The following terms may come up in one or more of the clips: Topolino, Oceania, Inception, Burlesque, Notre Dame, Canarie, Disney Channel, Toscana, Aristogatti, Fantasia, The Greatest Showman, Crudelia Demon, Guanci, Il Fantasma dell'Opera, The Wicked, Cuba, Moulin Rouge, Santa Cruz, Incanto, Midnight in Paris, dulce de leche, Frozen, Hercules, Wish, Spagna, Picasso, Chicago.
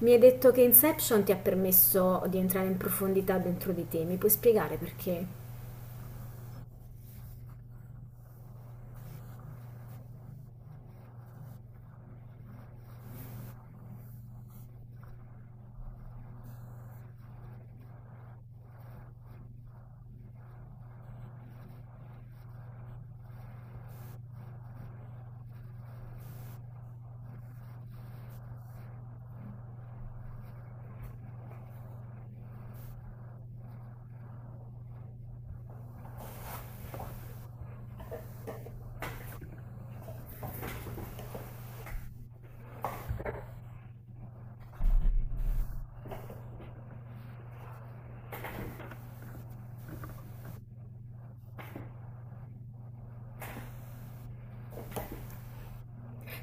Mi hai detto che Inception ti ha permesso di entrare in profondità dentro di te, mi puoi spiegare perché?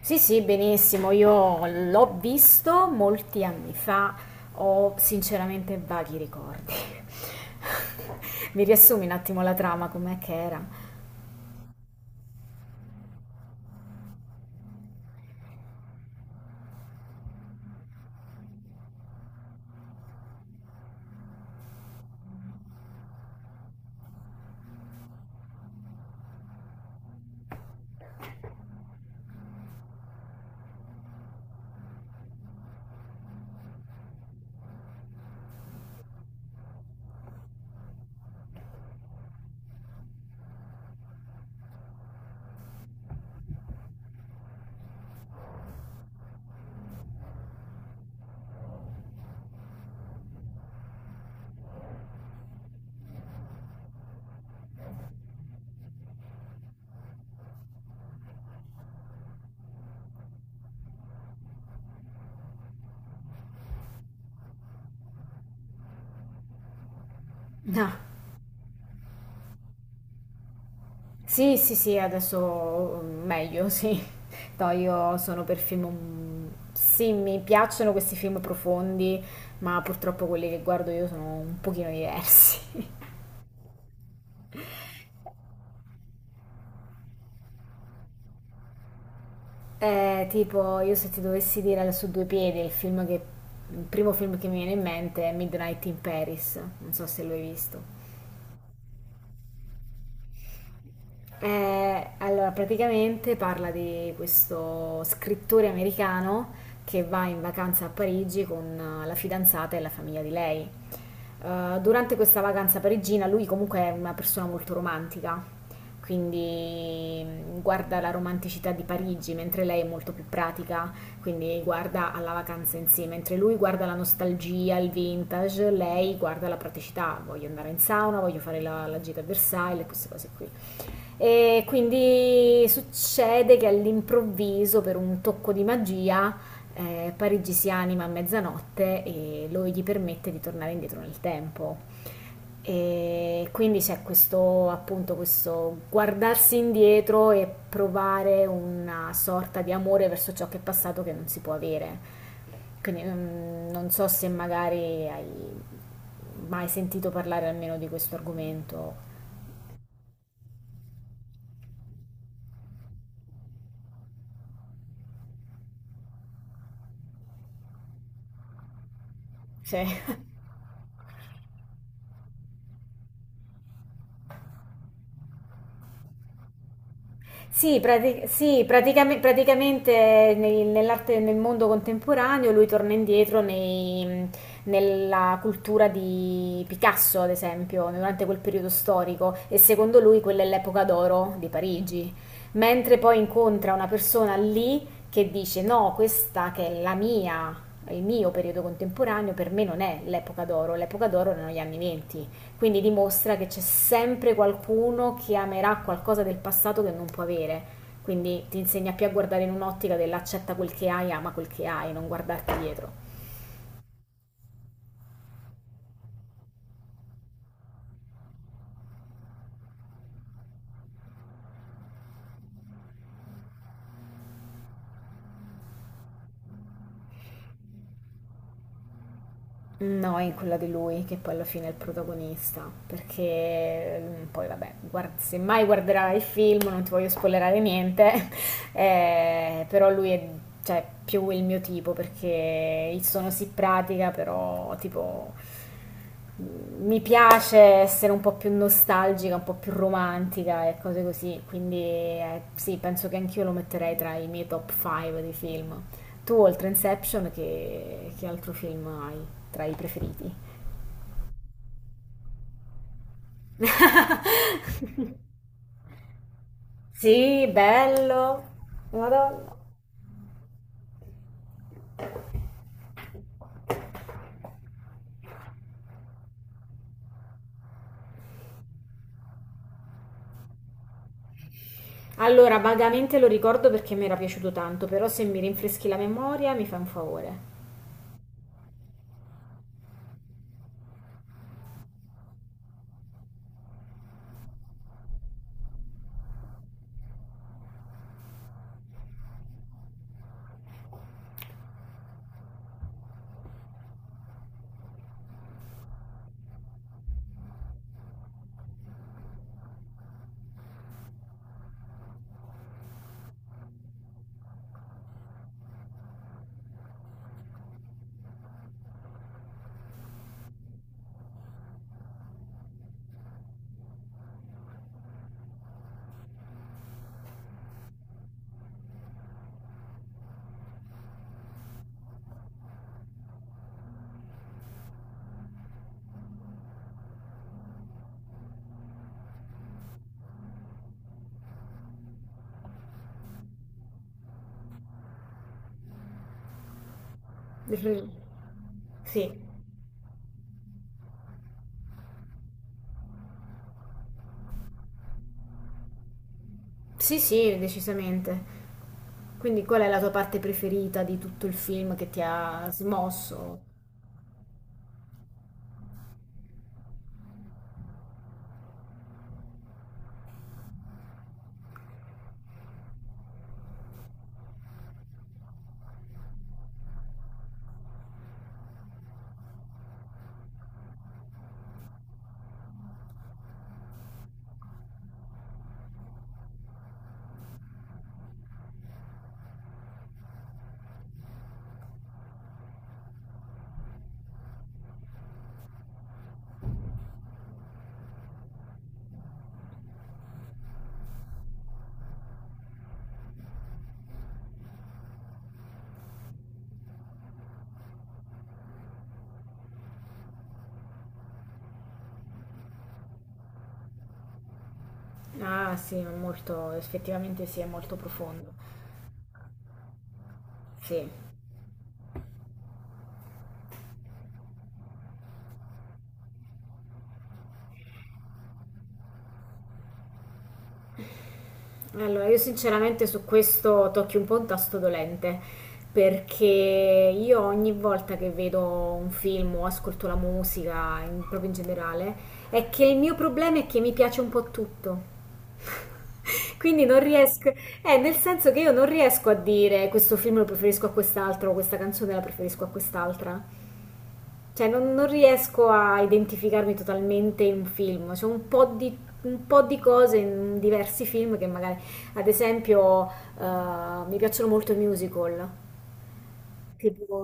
Sì, sì, benissimo, io l'ho visto molti anni fa, ho sinceramente vaghi ricordi. Mi riassumi un attimo la trama, com'è che era? No. Sì, sì, sì, adesso meglio, sì. No, io sono per film... sì, mi piacciono questi film profondi, ma purtroppo quelli che guardo io sono un pochino diversi. Tipo, io se ti dovessi dire su due piedi, il primo film che mi viene in mente è Midnight in Paris, non so se lo hai visto. Allora, praticamente parla di questo scrittore americano che va in vacanza a Parigi con la fidanzata e la famiglia di lei. Durante questa vacanza parigina lui comunque è una persona molto romantica, quindi guarda la romanticità di Parigi, mentre lei è molto più pratica, quindi guarda alla vacanza in sé, mentre lui guarda la nostalgia, il vintage, lei guarda la praticità, voglio andare in sauna, voglio fare la gita a Versailles, queste cose qui. E quindi succede che all'improvviso, per un tocco di magia, Parigi si anima a mezzanotte e lo gli permette di tornare indietro nel tempo. E quindi c'è questo, appunto, questo guardarsi indietro e provare una sorta di amore verso ciò che è passato che non si può avere. Quindi, non so se magari hai mai sentito parlare almeno di questo argomento. Cioè, praticamente nell'arte, nel mondo contemporaneo lui torna indietro nella cultura di Picasso, ad esempio, durante quel periodo storico e secondo lui quella è l'epoca d'oro di Parigi. Mentre poi incontra una persona lì che dice no, questa che è la mia, il mio periodo contemporaneo, per me non è l'epoca d'oro erano gli anni 20. Quindi dimostra che c'è sempre qualcuno che amerà qualcosa del passato che non può avere. Quindi ti insegna più a guardare in un'ottica dell'accetta quel che hai, ama quel che hai, non guardarti dietro. No, è quella di lui che poi alla fine è il protagonista, perché poi vabbè, se mai guarderai il film, non ti voglio spoilerare niente, però lui è, cioè, più il mio tipo, perché il sono si pratica, però tipo mi piace essere un po' più nostalgica, un po' più romantica e cose così, quindi sì, penso che anch'io lo metterei tra i miei top 5 di film. Tu, oltre Inception, che altro film hai tra i preferiti? Sì, bello. Madonna. Allora, vagamente lo ricordo perché mi era piaciuto tanto, però se mi rinfreschi la memoria mi fa un favore. Sì, sì, sì, decisamente. Quindi qual è la tua parte preferita di tutto il film che ti ha smosso? Ah, sì, è molto, effettivamente sì, è molto profondo. Sì. Allora, io sinceramente su questo tocchi un po' un tasto dolente, perché io ogni volta che vedo un film o ascolto la musica, proprio in generale, è che il mio problema è che mi piace un po' tutto. Quindi non riesco, nel senso che io non riesco a dire questo film lo preferisco a quest'altro, questa canzone la preferisco a quest'altra. Cioè, non riesco a identificarmi totalmente in un film. C'è un po' di cose in diversi film che magari, ad esempio, mi piacciono molto i musical, tipo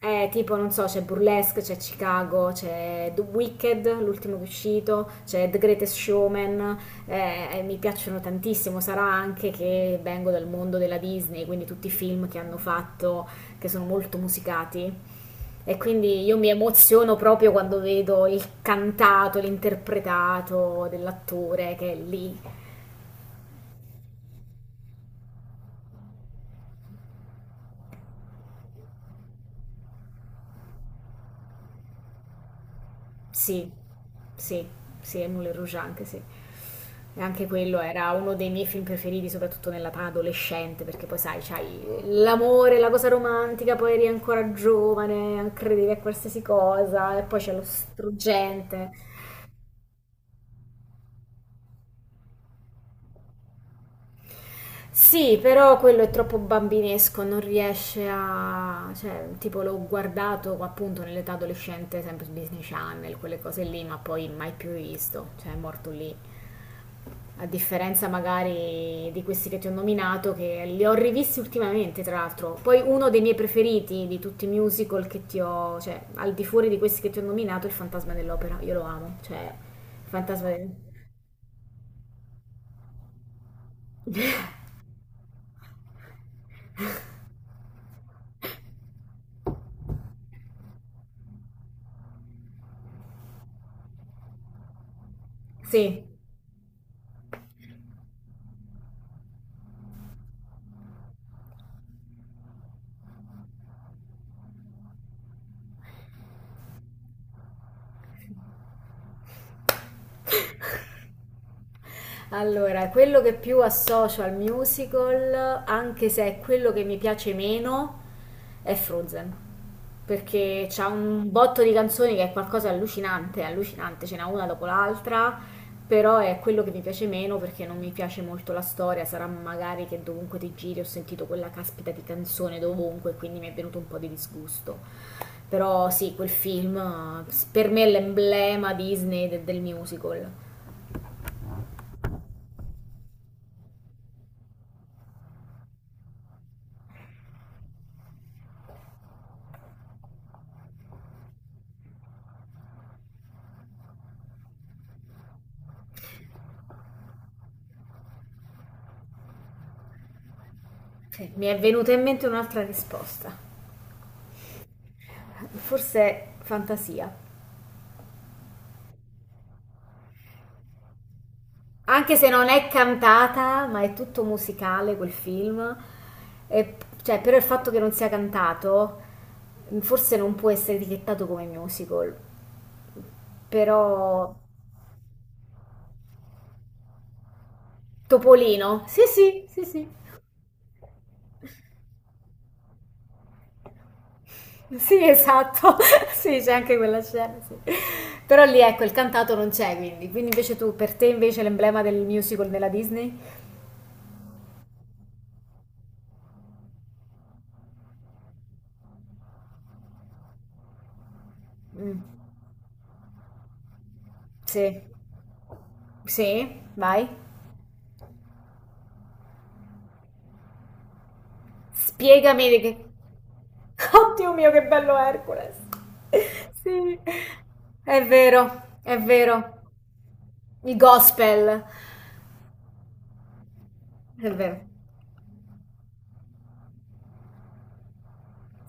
tipo, non so, c'è Burlesque, c'è Chicago, c'è The Wicked, l'ultimo che è uscito, c'è The Greatest Showman, e mi piacciono tantissimo, sarà anche che vengo dal mondo della Disney, quindi tutti i film che hanno fatto, che sono molto musicati. E quindi io mi emoziono proprio quando vedo il cantato, l'interpretato dell'attore che è lì. Sì, sì, sì, è Moulin Rouge anche, sì. E anche quello era uno dei miei film preferiti, soprattutto nell'età adolescente, perché poi sai, c'hai l'amore, la cosa romantica, poi eri ancora giovane, credevi a qualsiasi cosa, e poi c'è lo struggente. Sì, però quello è troppo bambinesco, non riesce a... cioè, tipo l'ho guardato appunto nell'età adolescente, sempre su Disney Channel, quelle cose lì, ma poi mai più rivisto, cioè è morto lì, a differenza magari di questi che ti ho nominato, che li ho rivisti ultimamente, tra l'altro. Poi uno dei miei preferiti di tutti i musical che ti ho, cioè al di fuori di questi che ti ho nominato, è Il Fantasma dell'Opera. Io lo amo, cioè, il Fantasma del... Sì. Allora, quello che più associo al musical, anche se è quello che mi piace meno, è Frozen. Perché c'ha un botto di canzoni che è qualcosa di allucinante, allucinante, ce n'è una dopo l'altra, però è quello che mi piace meno perché non mi piace molto la storia, sarà magari che dovunque ti giri ho sentito quella caspita di canzone dovunque, quindi mi è venuto un po' di disgusto. Però sì, quel film per me è l'emblema Disney del musical. Ok, mi è venuta in mente un'altra risposta, forse Fantasia. Anche se non è cantata, ma è tutto musicale quel film, e, cioè, però il fatto che non sia cantato forse non può essere etichettato come musical, però... Topolino, sì sì, sì sì, sì esatto, sì c'è anche quella scena, sì. Però lì ecco il cantato non c'è quindi, quindi invece tu, per te invece l'emblema del musical nella Disney? Mm, sì. Sì, vai. Spiegami di che... Oddio mio, che bello Hercules. Sì, è vero, è vero. I gospel. È vero.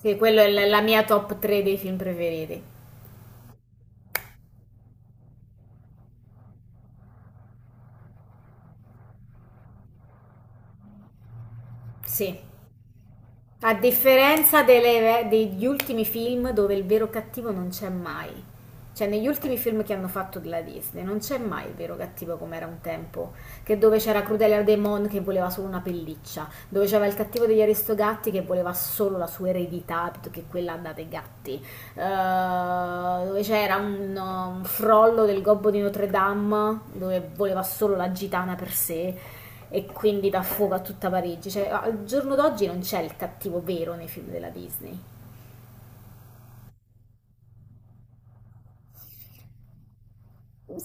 Sì, quello è la mia top 3 dei film preferiti. Sì. A differenza degli ultimi film dove il vero cattivo non c'è mai. Cioè, negli ultimi film che hanno fatto della Disney non c'è mai il vero cattivo come era un tempo. Che dove c'era Crudelia Demon che voleva solo una pelliccia, dove c'era il cattivo degli Aristogatti che voleva solo la sua eredità, piuttosto che quella andate gatti. Dove c'era un frollo del gobbo di Notre Dame dove voleva solo la gitana per sé e quindi dà fuoco a tutta Parigi. Cioè, al giorno d'oggi non c'è il cattivo vero nei film della Disney.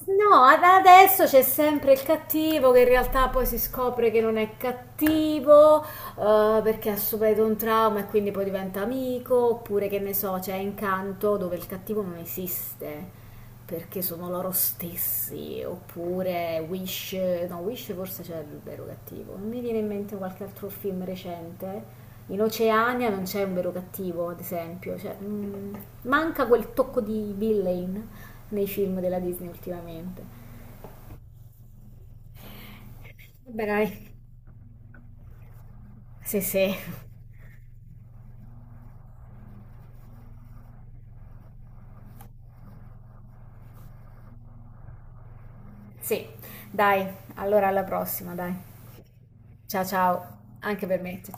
No, adesso c'è sempre il cattivo che in realtà poi si scopre che non è cattivo, perché ha subito un trauma e quindi poi diventa amico, oppure che ne so, c'è Incanto dove il cattivo non esiste, perché sono loro stessi, oppure Wish, no, Wish forse c'è il vero cattivo. Non mi viene in mente qualche altro film recente. In Oceania non c'è un vero cattivo, ad esempio, cioè, manca quel tocco di villain nei film della Disney ultimamente. Vabbè, dai. Sì, sì, sì. Dai, allora alla prossima, dai. Ciao ciao, anche per me, ciao.